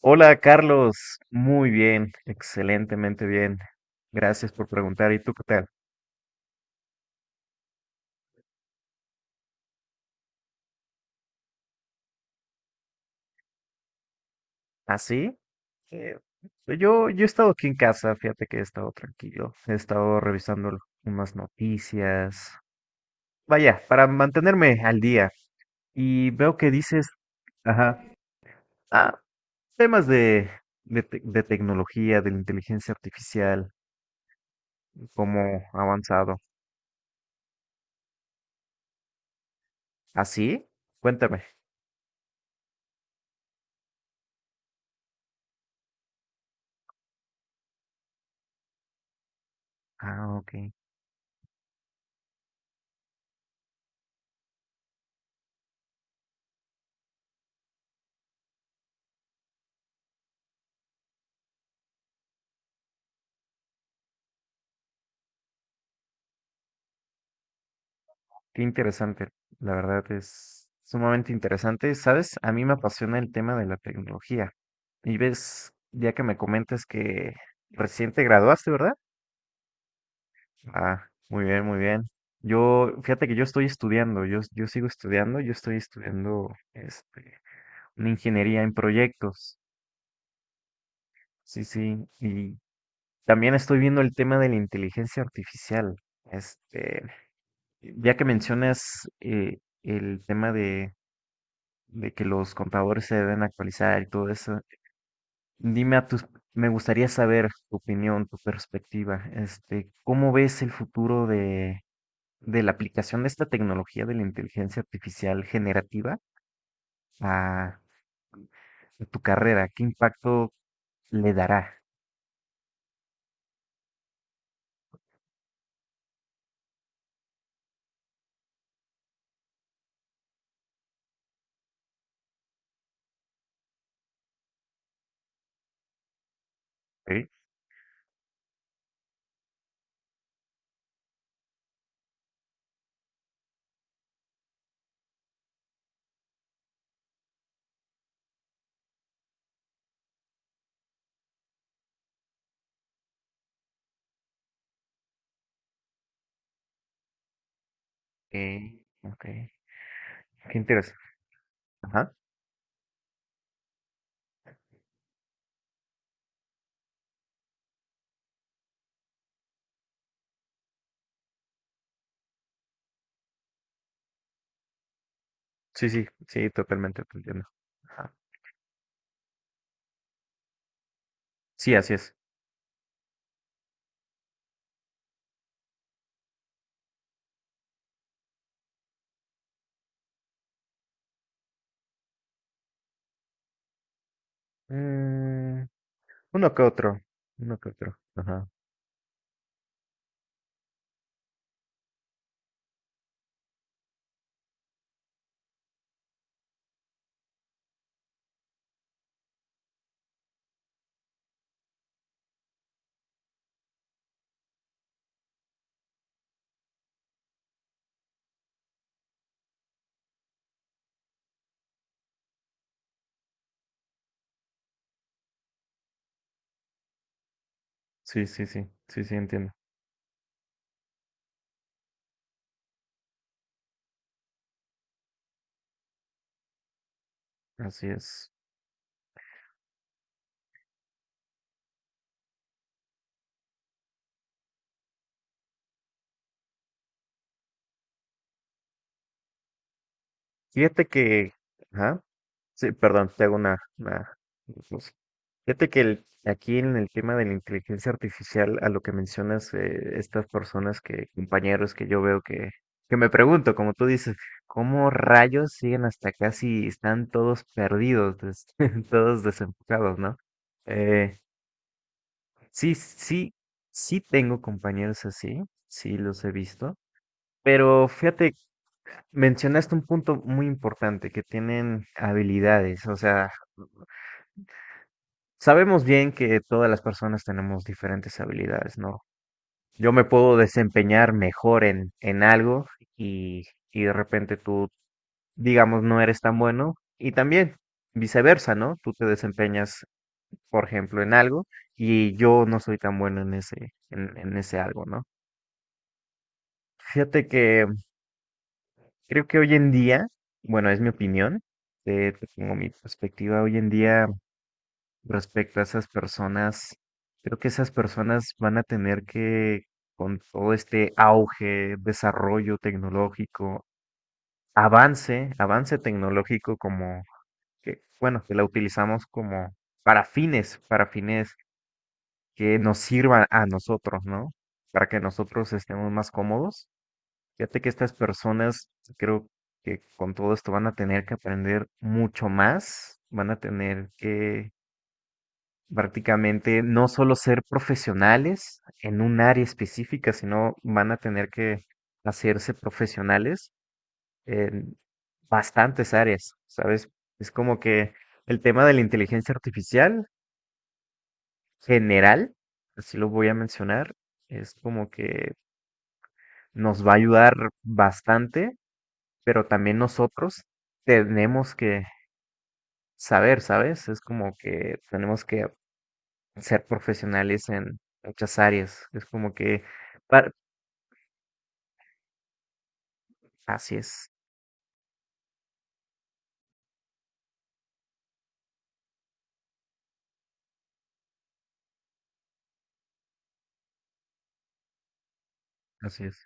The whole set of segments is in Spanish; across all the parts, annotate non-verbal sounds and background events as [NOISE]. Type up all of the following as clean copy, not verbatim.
Hola Carlos, muy bien, excelentemente bien. Gracias por preguntar. ¿Y tú qué tal? ¿Así? Yo he estado aquí en casa, fíjate que he estado tranquilo. He estado revisando unas noticias. Vaya, para mantenerme al día. Y veo que dices, ajá, ah, temas de tecnología, de la inteligencia artificial, cómo ha avanzado. ¿Así? Cuéntame. Ah, ok. Qué interesante, la verdad es sumamente interesante. Sabes, a mí me apasiona el tema de la tecnología. Y ves, ya que me comentas que recién te graduaste, ¿verdad? Ah, muy bien, muy bien. Yo, fíjate que yo estoy estudiando, yo sigo estudiando, yo estoy estudiando una ingeniería en proyectos. Sí, sí. Y también estoy viendo el tema de la inteligencia artificial. Este, ya que mencionas el tema de que los contadores se deben actualizar y todo eso. Dime a tus, me gustaría saber tu opinión, tu perspectiva, este, ¿cómo ves el futuro de la aplicación de esta tecnología de la inteligencia artificial generativa a, a tu carrera? ¿Qué impacto le dará? Ok, ok, ok. Qué interesante. Ajá. Sí, sí, sí, totalmente te entiendo. Ajá. Sí, así es. Mm, uno que otro, uno que otro. Ajá. Sí, sí, sí, sí, sí, entiendo. Así es. Fíjate que, ajá, sí, perdón, te hago una cosa. Fíjate que aquí en el tema de la inteligencia artificial, a lo que mencionas, estas personas que, compañeros que yo veo que me pregunto, como tú dices, ¿cómo rayos siguen hasta casi están todos perdidos, [LAUGHS] todos desenfocados, ¿no? Eh, sí, sí, sí tengo compañeros así, sí los he visto, pero fíjate. Mencionaste un punto muy importante, que tienen habilidades, o sea, sabemos bien que todas las personas tenemos diferentes habilidades, ¿no? Yo me puedo desempeñar mejor en algo y, y de repente tú, digamos, no eres tan bueno y también viceversa, ¿no? Tú te desempeñas, por ejemplo, en algo y yo no soy tan bueno en ese, en ese algo, ¿no? Fíjate que creo que hoy en día, bueno, es mi opinión, te pongo mi perspectiva, hoy en día respecto a esas personas, creo que esas personas van a tener que, con todo este auge, desarrollo tecnológico, avance tecnológico como que, bueno, que la utilizamos como para fines que nos sirvan a nosotros, ¿no? Para que nosotros estemos más cómodos. Fíjate que estas personas, creo que con todo esto van a tener que aprender mucho más, van a tener que prácticamente no solo ser profesionales en un área específica, sino van a tener que hacerse profesionales en bastantes áreas, ¿sabes? Es como que el tema de la inteligencia artificial general, así lo voy a mencionar, es como que nos va a ayudar bastante, pero también nosotros tenemos que saber, ¿sabes? Es como que tenemos que ser profesionales en muchas áreas. Es como que, par- así es, así es.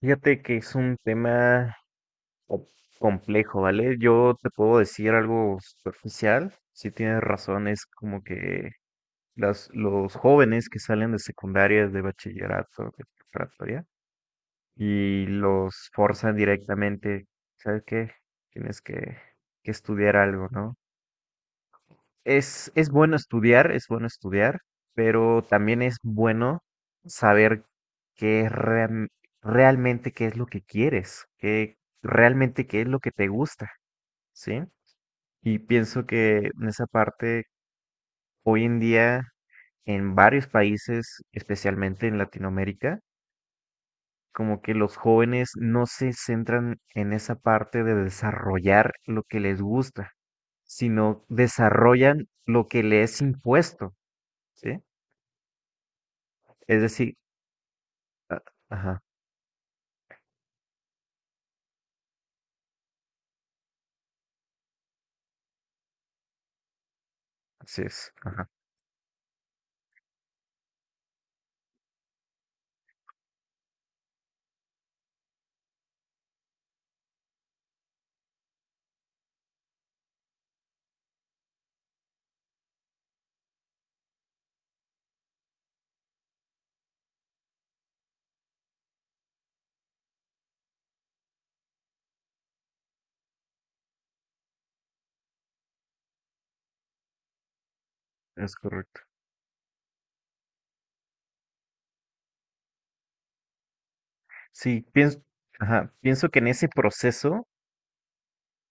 Fíjate que es un tema co- complejo, ¿vale? Yo te puedo decir algo superficial, si tienes razón, es como que las, los jóvenes que salen de secundaria, de bachillerato, de preparatoria, y los forzan directamente, ¿sabes qué? Tienes que estudiar algo, ¿no? Es bueno estudiar, pero también es bueno saber qué es ream- realmente qué es lo que quieres, qué realmente qué es lo que te gusta, ¿sí? Y pienso que en esa parte, hoy en día, en varios países, especialmente en Latinoamérica, como que los jóvenes no se centran en esa parte de desarrollar lo que les gusta, sino desarrollan lo que les es impuesto, ¿sí? Es decir, ah, ajá, así es, ajá, es correcto. Sí, pienso, ajá, pienso que en ese proceso,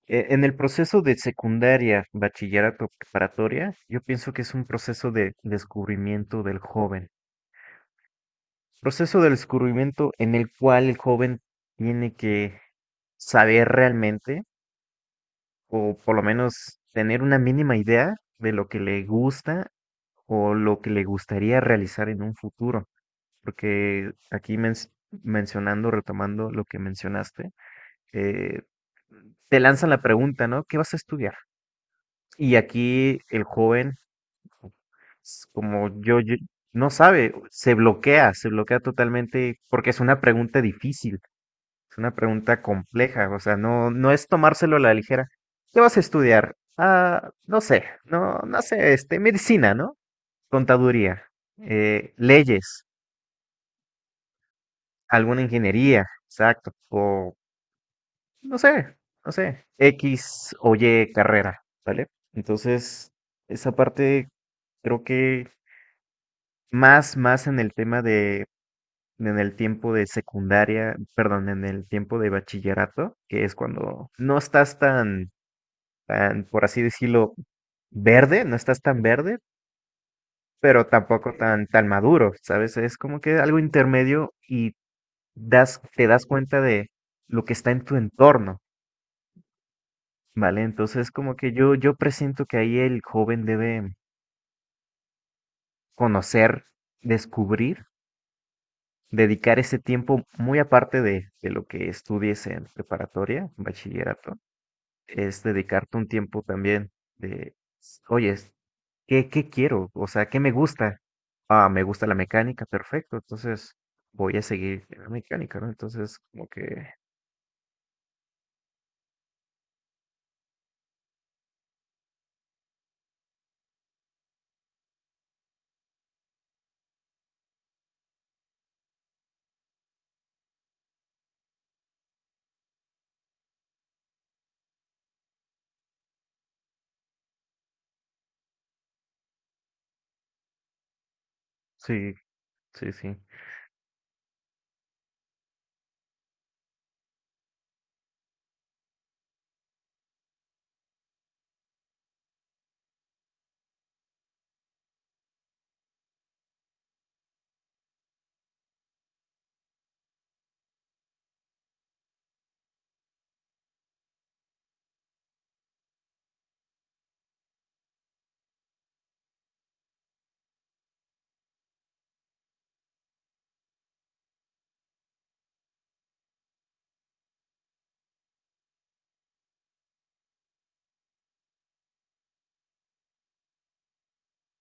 en el proceso de secundaria, bachillerato, preparatoria, yo pienso que es un proceso de descubrimiento del joven. Proceso de descubrimiento en el cual el joven tiene que saber realmente, o por lo menos tener una mínima idea de lo que le gusta o lo que le gustaría realizar en un futuro. Porque aquí mencionando, retomando lo que mencionaste, eh, te lanzan la pregunta, ¿no? ¿Qué vas a estudiar? Y aquí el joven, s- como yo, yo- no sabe, se bloquea totalmente porque es una pregunta difícil, es una pregunta compleja, o sea, no, no es tomárselo a la ligera. ¿Qué vas a estudiar? Ah, no sé, no, no sé, este, medicina, ¿no? Contaduría, leyes, alguna ingeniería, exacto, o no sé, no sé, X o Y carrera, ¿vale? Entonces, esa parte creo que más, más en el tema de, en el tiempo de secundaria, perdón, en el tiempo de bachillerato, que es cuando no estás tan, tan, por así decirlo, verde, no estás tan verde, pero tampoco tan, tan maduro, ¿sabes? Es como que algo intermedio y das, te das cuenta de lo que está en tu entorno. Vale, entonces como que yo presiento que ahí el joven debe conocer, descubrir, dedicar ese tiempo muy aparte de lo que estudies en preparatoria, bachillerato, es dedicarte un tiempo también de, oye, ¿qué, qué quiero? O sea, ¿qué me gusta? Ah, me gusta la mecánica, perfecto, entonces voy a seguir en la mecánica, ¿no? Entonces como que sí, sí, sí.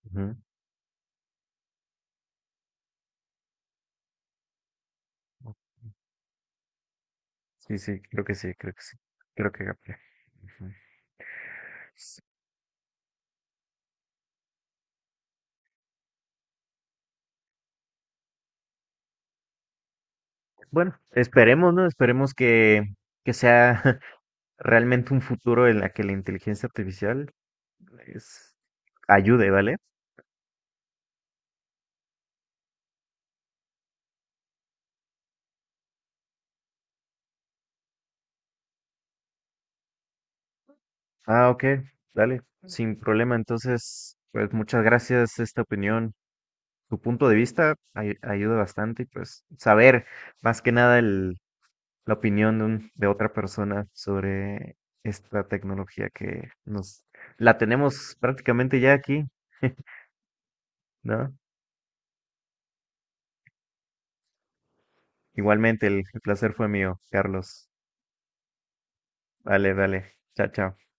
Ujú, sí, sí, creo que sí, creo que sí, creo que... capté, ujú. Bueno, esperemos, ¿no? Esperemos que sea [LAUGHS] realmente un futuro en la que la inteligencia artificial es, ayude, ¿vale? Ah, ok, dale, sin problema. Entonces, pues muchas gracias esta opinión. Tu punto de vista ayuda bastante y pues saber más que nada el, la opinión de otra persona sobre esta tecnología que nos la tenemos prácticamente ya aquí, [LAUGHS] ¿no? Igualmente, el placer fue mío, Carlos. Vale, vale. Chao, chao.